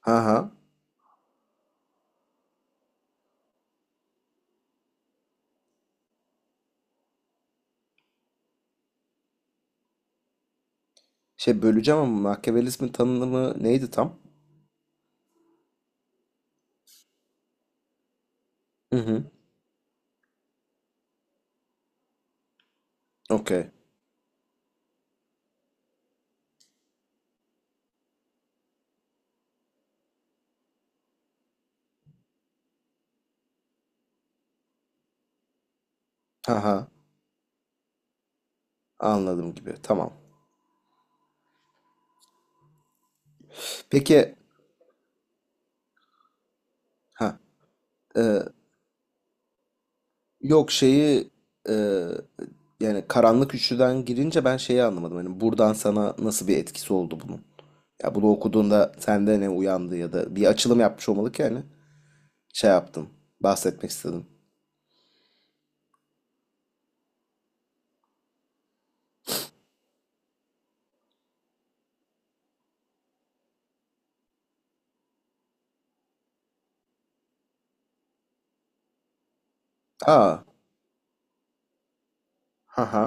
Ha ha. Şey böleceğim ama makyavelizmin tanımı neydi tam? Hı hı. Okey. Ha ha. Anladım gibi. Tamam. Peki ha e, yok şeyi, e, yani karanlık üçlüden girince ben şeyi anlamadım. Hani buradan sana nasıl bir etkisi oldu bunun? Ya bunu okuduğunda sende ne uyandı ya da bir açılım yapmış olmalı ki, yani şey yaptım. Bahsetmek istedim. Aa. Ha ha.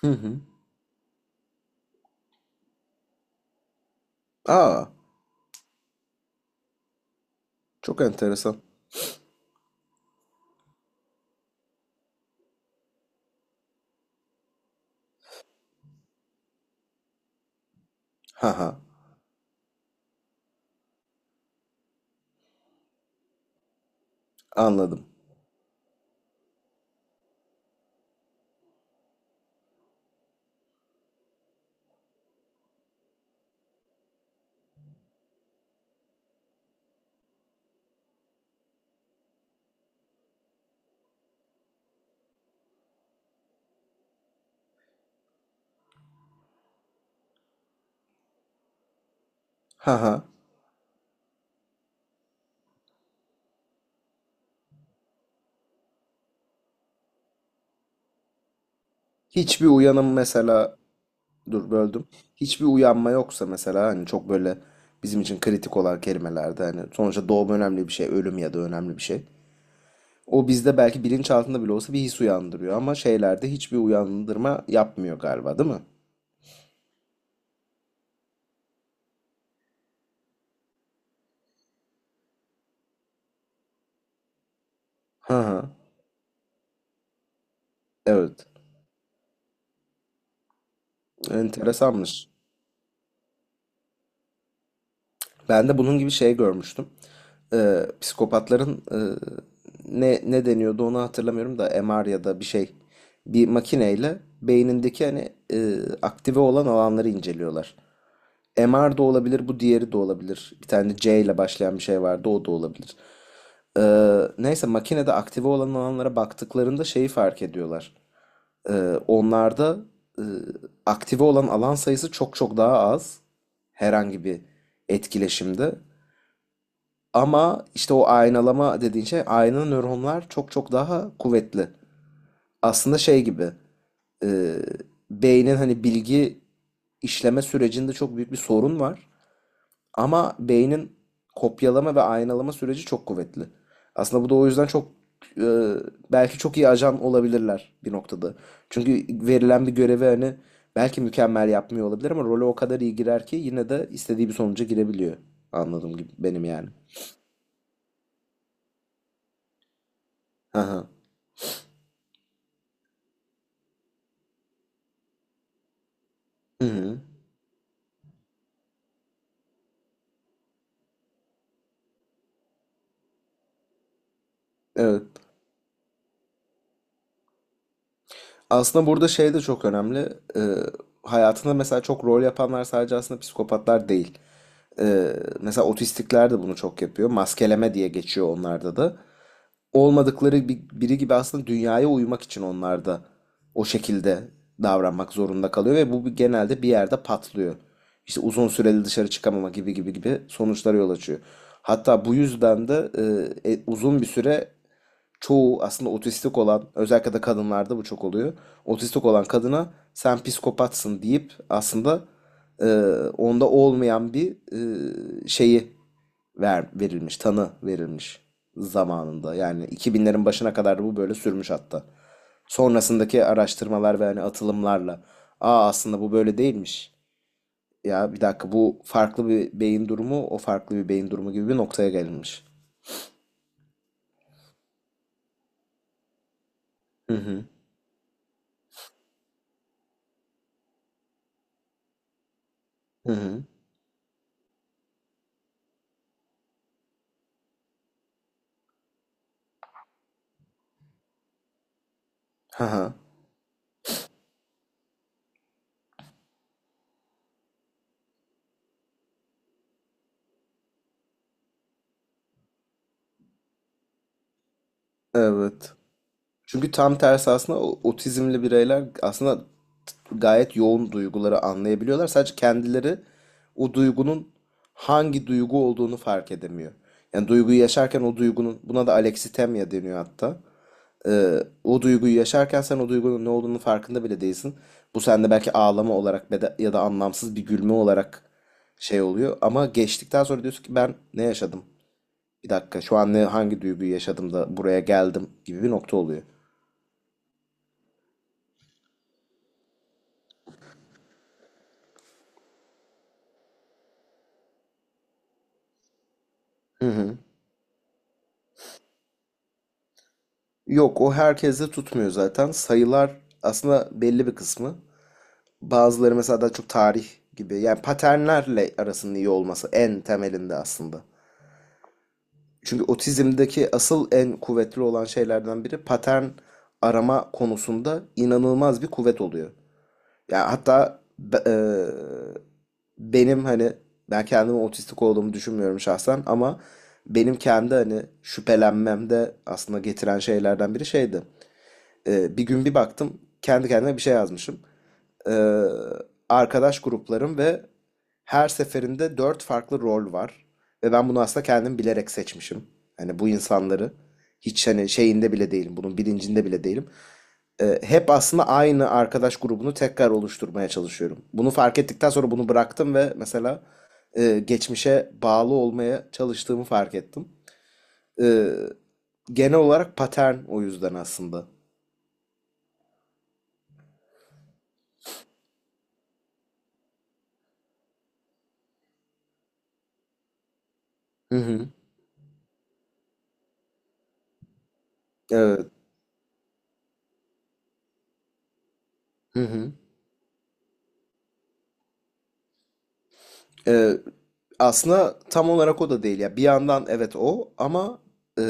Hı hı. Aa. Çok enteresan. Ha ha. Anladım. Ha ha. Hiçbir uyanım mesela, dur böldüm. Hiçbir uyanma yoksa mesela hani çok böyle bizim için kritik olan kelimelerde, hani sonuçta doğum önemli bir şey, ölüm ya da önemli bir şey. O bizde belki bilinçaltında bile olsa bir his uyandırıyor, ama şeylerde hiçbir uyandırma yapmıyor galiba, değil mi? Hı hı. Evet. Enteresanmış. Ben de bunun gibi şey görmüştüm. Psikopatların ne deniyordu onu hatırlamıyorum da, MR ya da bir şey. Bir makineyle beynindeki hani aktive olan alanları inceliyorlar. MR da olabilir, bu diğeri de olabilir. Bir tane C ile başlayan bir şey vardı, o da olabilir. Neyse makinede aktive olan alanlara baktıklarında şeyi fark ediyorlar. Onlarda e, aktive olan alan sayısı çok çok daha az herhangi bir etkileşimde. Ama işte o aynalama dediğin şey, ayna nöronlar çok çok daha kuvvetli. Aslında şey gibi, e, beynin hani bilgi işleme sürecinde çok büyük bir sorun var. Ama beynin kopyalama ve aynalama süreci çok kuvvetli. Aslında bu da o yüzden çok, e, belki çok iyi ajan olabilirler bir noktada. Çünkü verilen bir görevi hani belki mükemmel yapmıyor olabilir ama role o kadar iyi girer ki yine de istediği bir sonuca girebiliyor. Anladığım gibi benim, yani. Hı. Hı hı. Evet. Aslında burada şey de çok önemli. Ee, hayatında mesela çok rol yapanlar sadece aslında psikopatlar değil. Ee, mesela otistikler de bunu çok yapıyor. Maskeleme diye geçiyor onlarda da. Olmadıkları biri gibi aslında dünyaya uymak için onlar da o şekilde davranmak zorunda kalıyor ve bu genelde bir yerde patlıyor. İşte uzun süreli dışarı çıkamama gibi gibi gibi sonuçlara yol açıyor. Hatta bu yüzden de, uzun bir süre çoğu aslında otistik olan, özellikle de kadınlarda bu çok oluyor. Otistik olan kadına sen psikopatsın deyip aslında, e, onda olmayan bir şeyi, verilmiş, tanı verilmiş zamanında. Yani 2000'lerin başına kadar da bu böyle sürmüş hatta. Sonrasındaki araştırmalar ve hani atılımlarla, aa, aslında bu böyle değilmiş. Ya bir dakika, bu farklı bir beyin durumu, o farklı bir beyin durumu gibi bir noktaya gelinmiş. Hı hı. Hı hı. Hı hı. Evet. Çünkü tam tersi aslında otizmli bireyler aslında gayet yoğun duyguları anlayabiliyorlar. Sadece kendileri o duygunun hangi duygu olduğunu fark edemiyor. Yani duyguyu yaşarken o duygunun, buna da alexitemya deniyor hatta. Ee, o duyguyu yaşarken sen o duygunun ne olduğunu farkında bile değilsin. Bu sende belki ağlama olarak ya da, anlamsız bir gülme olarak şey oluyor. Ama geçtikten sonra diyorsun ki, ben ne yaşadım? Bir dakika, şu an ne, hangi duyguyu yaşadım da buraya geldim gibi bir nokta oluyor. Hı hı. Yok, o herkeste tutmuyor zaten. Sayılar aslında belli bir kısmı. Bazıları mesela daha çok tarih gibi. Yani paternlerle arasının iyi olması en temelinde aslında. Çünkü otizmdeki asıl en kuvvetli olan şeylerden biri, patern arama konusunda inanılmaz bir kuvvet oluyor. Yani hatta benim hani ben kendimi otistik olduğumu düşünmüyorum şahsen, ama benim kendi hani şüphelenmemde aslında getiren şeylerden biri şeydi. Bir gün bir baktım kendi kendime bir şey yazmışım. Ee, arkadaş gruplarım ve her seferinde dört farklı rol var. Ve ben bunu aslında kendim bilerek seçmişim. Hani bu insanları, hiç hani şeyinde bile değilim, bunun bilincinde bile değilim. Hep aslında aynı arkadaş grubunu tekrar oluşturmaya çalışıyorum. Bunu fark ettikten sonra bunu bıraktım ve mesela, geçmişe bağlı olmaya çalıştığımı fark ettim. Ee, genel olarak patern o yüzden aslında. Hı hı. Evet. Hı hı. Ee, aslında tam olarak o da değil ya. Bir yandan evet o, ama e,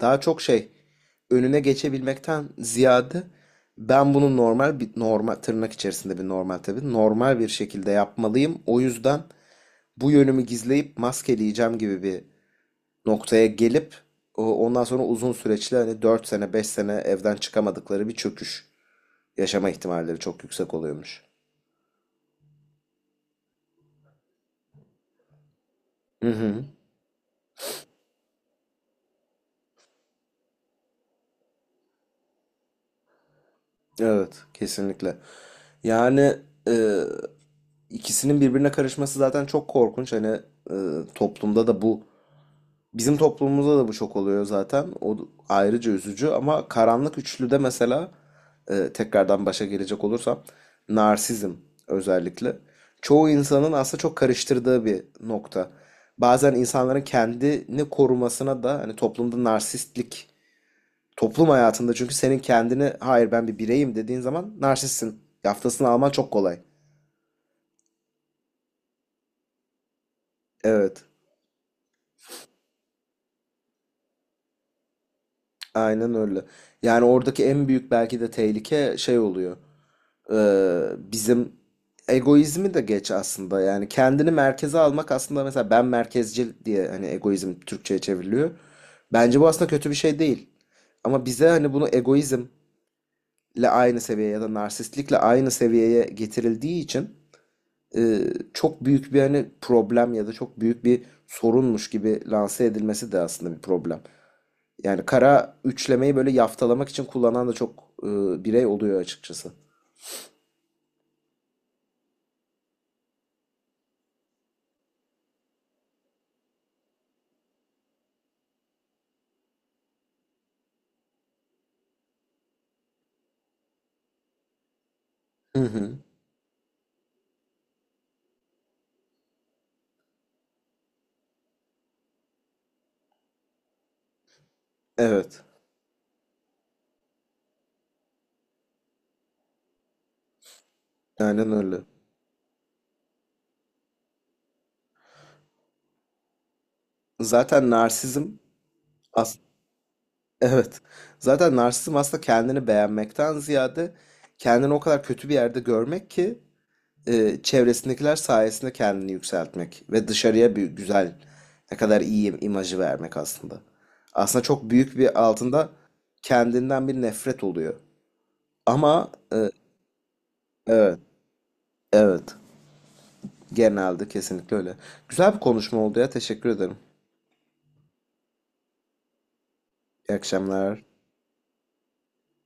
daha çok şey, önüne geçebilmekten ziyade ben bunu normal bir, normal tırnak içerisinde bir normal, tabii normal bir şekilde yapmalıyım. O yüzden bu yönümü gizleyip maskeleyeceğim gibi bir noktaya gelip, ondan sonra uzun süreçli hani 4 sene 5 sene evden çıkamadıkları bir çöküş yaşama ihtimalleri çok yüksek oluyormuş. Hı hı. Evet, kesinlikle. Yani, e, ikisinin birbirine karışması zaten çok korkunç. Hani, e, toplumda da bu, bizim toplumumuzda da bu çok oluyor zaten. O ayrıca üzücü, ama karanlık üçlüde mesela, tekrardan başa gelecek olursam, narsizm özellikle çoğu insanın aslında çok karıştırdığı bir nokta. Bazen insanların kendini korumasına da hani toplumda narsistlik, toplum hayatında çünkü senin kendini, hayır ben bir bireyim dediğin zaman narsistsin yaftasını alman çok kolay. Evet, aynen öyle. Yani oradaki en büyük belki de tehlike şey oluyor. Bizim egoizmi de geç aslında. Yani kendini merkeze almak aslında, mesela ben merkezcil diye hani egoizm Türkçe'ye çevriliyor. Bence bu aslında kötü bir şey değil. Ama bize hani bunu egoizmle aynı seviyeye ya da narsistlikle aynı seviyeye getirildiği için, e, çok büyük bir hani problem ya da çok büyük bir sorunmuş gibi lanse edilmesi de aslında bir problem. Yani kara üçlemeyi böyle yaftalamak için kullanan da çok, birey oluyor açıkçası. Hı hı. Evet. Aynen öyle. Zaten narsizm as evet. Zaten narsizm aslında kendini beğenmekten ziyade, kendini o kadar kötü bir yerde görmek ki, çevresindekiler sayesinde kendini yükseltmek ve dışarıya bir güzel, ne kadar iyi imajı vermek aslında. Aslında çok büyük bir altında kendinden bir nefret oluyor. Ama, evet, evet. Genelde kesinlikle öyle. Güzel bir konuşma oldu ya. Teşekkür ederim. İyi akşamlar.